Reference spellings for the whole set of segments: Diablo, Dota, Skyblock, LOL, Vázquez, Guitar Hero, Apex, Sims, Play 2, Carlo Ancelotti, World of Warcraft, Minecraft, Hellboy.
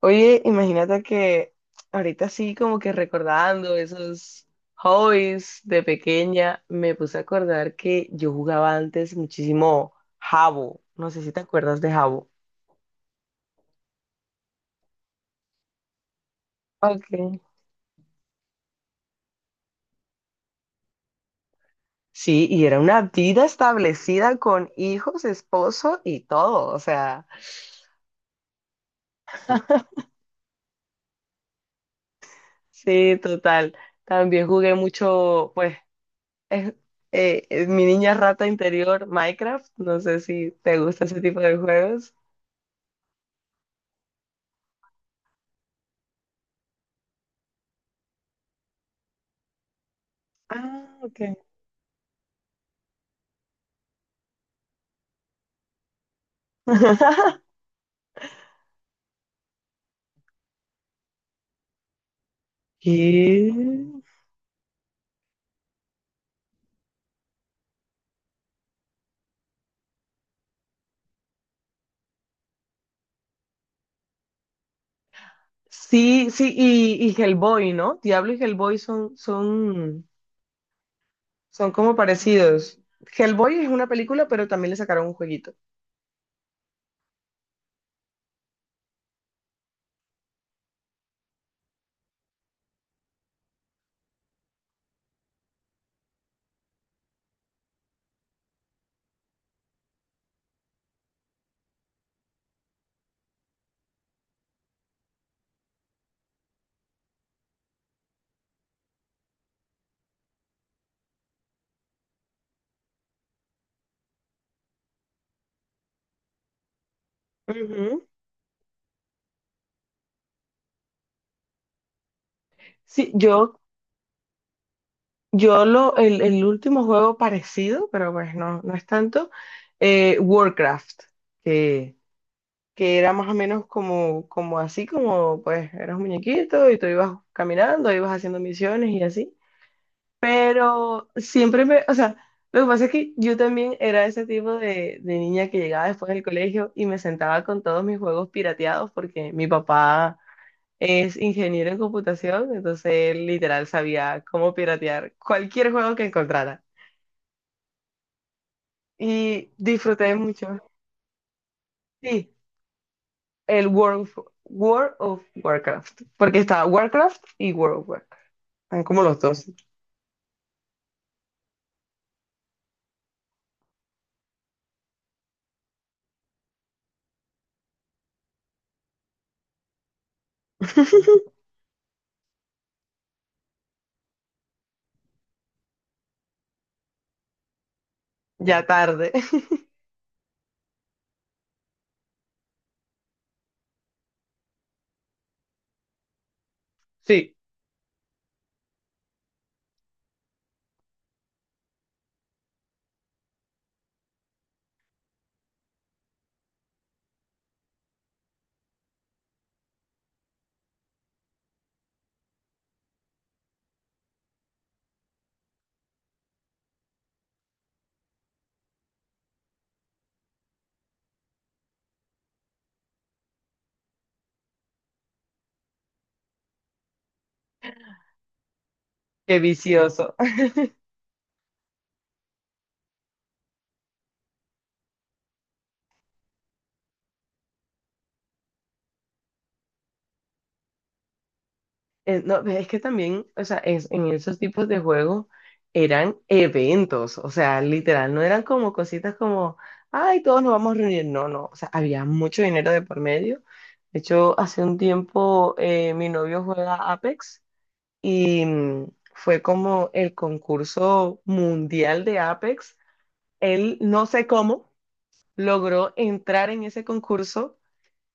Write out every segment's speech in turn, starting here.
Oye, imagínate que ahorita sí, como que recordando esos hobbies de pequeña, me puse a acordar que yo jugaba antes muchísimo jabo. No sé si te acuerdas de jabo. Okay. Sí, y era una vida establecida con hijos, esposo y todo. O sea, sí, total. También jugué mucho, pues, es- es mi niña rata interior, Minecraft. No sé si te gusta ese tipo de juegos. Ah, ok. ¿Qué? Sí, sí, y Hellboy, ¿no? Diablo y Hellboy son, son, son como parecidos. Hellboy es una película, pero también le sacaron un jueguito. Ujú. Sí, yo lo, el último juego parecido, pero pues no, no es tanto, Warcraft, que, que era más o menos como, como así, como pues eras un muñequito y tú ibas caminando, ibas haciendo misiones y así. Pero siempre me, o sea, lo que pasa es que yo también era ese tipo de niña que llegaba después del colegio y me sentaba con todos mis juegos pirateados porque mi papá es ingeniero en computación, entonces él literal sabía cómo piratear cualquier juego que encontrara. Y disfruté mucho, sí, el World, World of Warcraft, porque estaba Warcraft y World of Warcraft, están como los dos, ya tarde. Sí, qué vicioso. No, es que también, o sea, es, en esos tipos de juegos eran eventos, o sea, literal, no eran como cositas como, ay, todos nos vamos a reunir, no, no, o sea, había mucho dinero de por medio. De hecho, hace un tiempo mi novio juega Apex y fue como el concurso mundial de Apex. Él, no sé cómo, logró entrar en ese concurso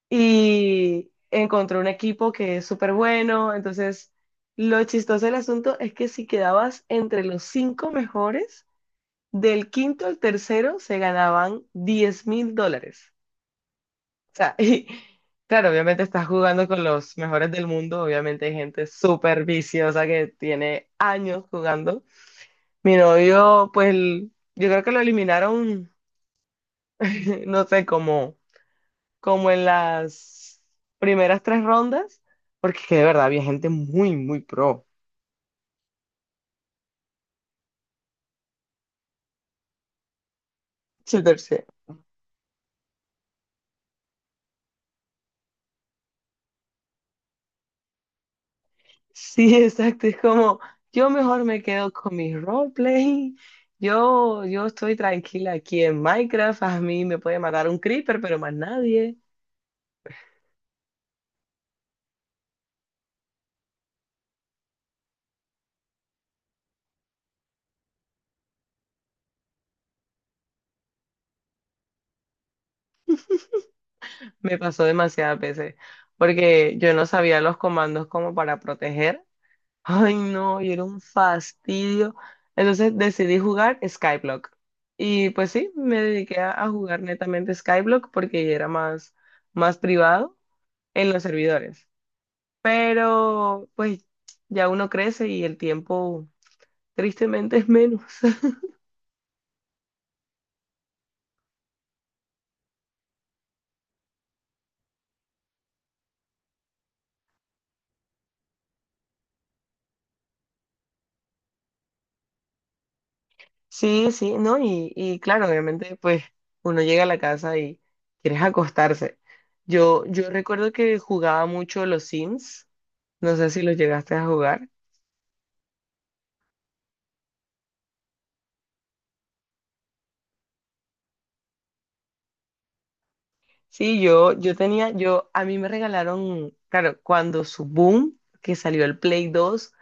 y encontró un equipo que es súper bueno. Entonces, lo chistoso del asunto es que si quedabas entre los cinco mejores, del quinto al tercero se ganaban $10,000. O sea, y claro, obviamente estás jugando con los mejores del mundo, obviamente hay gente súper viciosa que tiene años jugando. Mi novio, pues, yo creo que lo eliminaron, no sé, como en las primeras tres rondas, porque es que de verdad había gente muy, muy pro. Sí, tercero. Sí, exacto, es como yo mejor me quedo con mi roleplay. Yo estoy tranquila aquí en Minecraft, a mí me puede matar un creeper, pero más nadie. Me pasó demasiadas veces, porque yo no sabía los comandos como para proteger. Ay, no, y era un fastidio. Entonces decidí jugar Skyblock. Y pues sí, me dediqué a jugar netamente Skyblock porque era más, más privado en los servidores. Pero pues ya uno crece y el tiempo tristemente es menos. Sí, sí, ¿no? Y claro, obviamente pues uno llega a la casa y quieres acostarse. Yo recuerdo que jugaba mucho los Sims. No sé si los llegaste a jugar. Sí, yo tenía, yo, a mí me regalaron, claro, cuando su boom, que salió el Play 2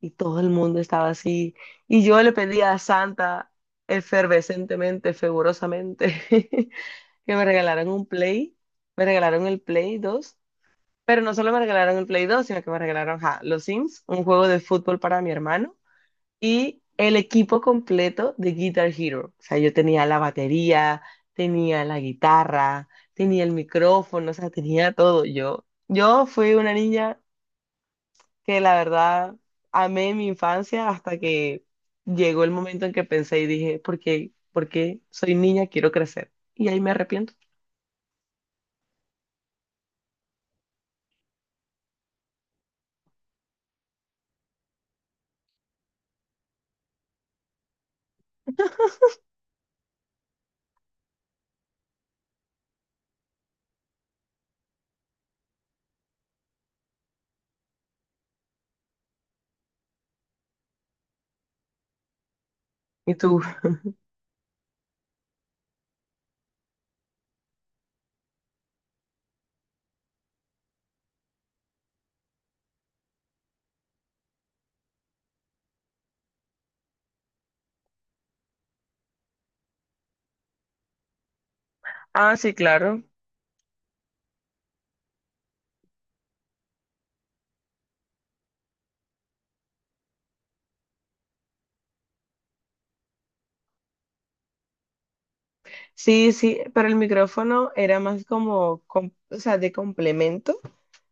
y todo el mundo estaba así, y yo le pedía a Santa efervescentemente, fervorosamente, que me regalaran un Play, me regalaron el Play 2, pero no solo me regalaron el Play 2, sino que me regalaron, ja, los Sims, un juego de fútbol para mi hermano, y el equipo completo de Guitar Hero. O sea, yo tenía la batería, tenía la guitarra, tenía el micrófono, o sea, tenía todo. Yo fui una niña que la verdad amé mi infancia hasta que llegó el momento en que pensé y dije, ¿por qué? ¿Por qué soy niña? Quiero crecer. Y ahí me arrepiento. ¿Y tú? Ah, sí, claro. Sí, sí, pero el micrófono era más como, o sea, de complemento.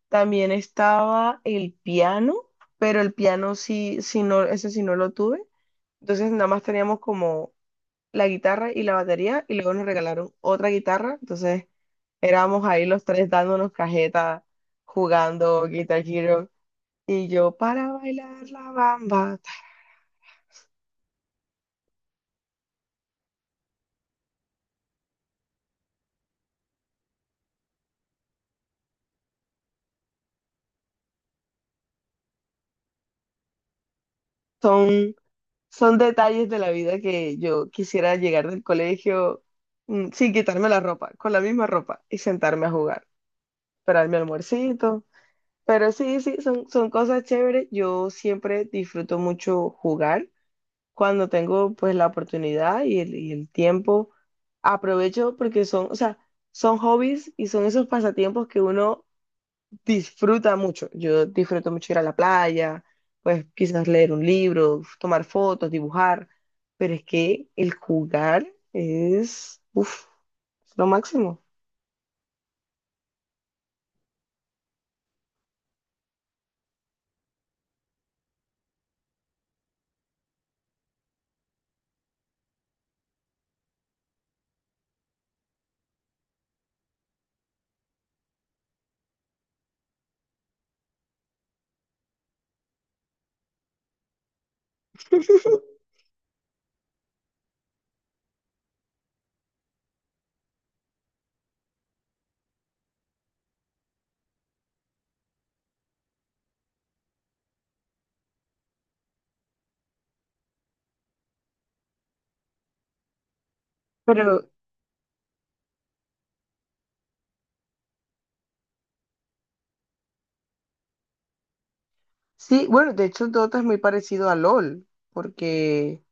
También estaba el piano, pero el piano sí, sí no, ese sí no lo tuve. Entonces nada más teníamos como la guitarra y la batería y luego nos regalaron otra guitarra. Entonces éramos ahí los tres dándonos cajeta, jugando Guitar Hero. Y yo para bailar la bamba. Son, son detalles de la vida que yo quisiera llegar del colegio sin quitarme la ropa, con la misma ropa y sentarme a jugar, esperar mi almuercito. Pero sí, sí, son, son cosas chéveres. Yo siempre disfruto mucho jugar cuando tengo pues la oportunidad y el tiempo. Aprovecho porque son, o sea, son hobbies y son esos pasatiempos que uno disfruta mucho. Yo disfruto mucho ir a la playa, pues quizás leer un libro, tomar fotos, dibujar, pero es que el jugar es, uff, lo máximo. Pero sí, bueno, de hecho Dota es muy parecido a LOL, porque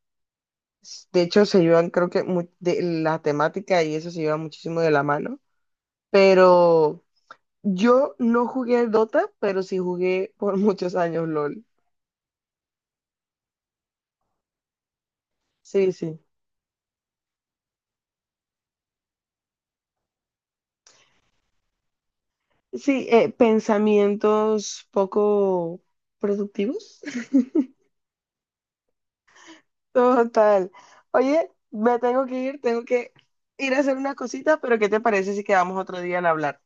de hecho se llevan, creo que la temática y eso se lleva muchísimo de la mano, pero yo no jugué Dota, pero sí jugué por muchos años LOL. Sí, sí. Sí, pensamientos poco productivos. Total. Oye, me tengo que ir a hacer una cosita, pero ¿qué te parece si quedamos otro día en hablar?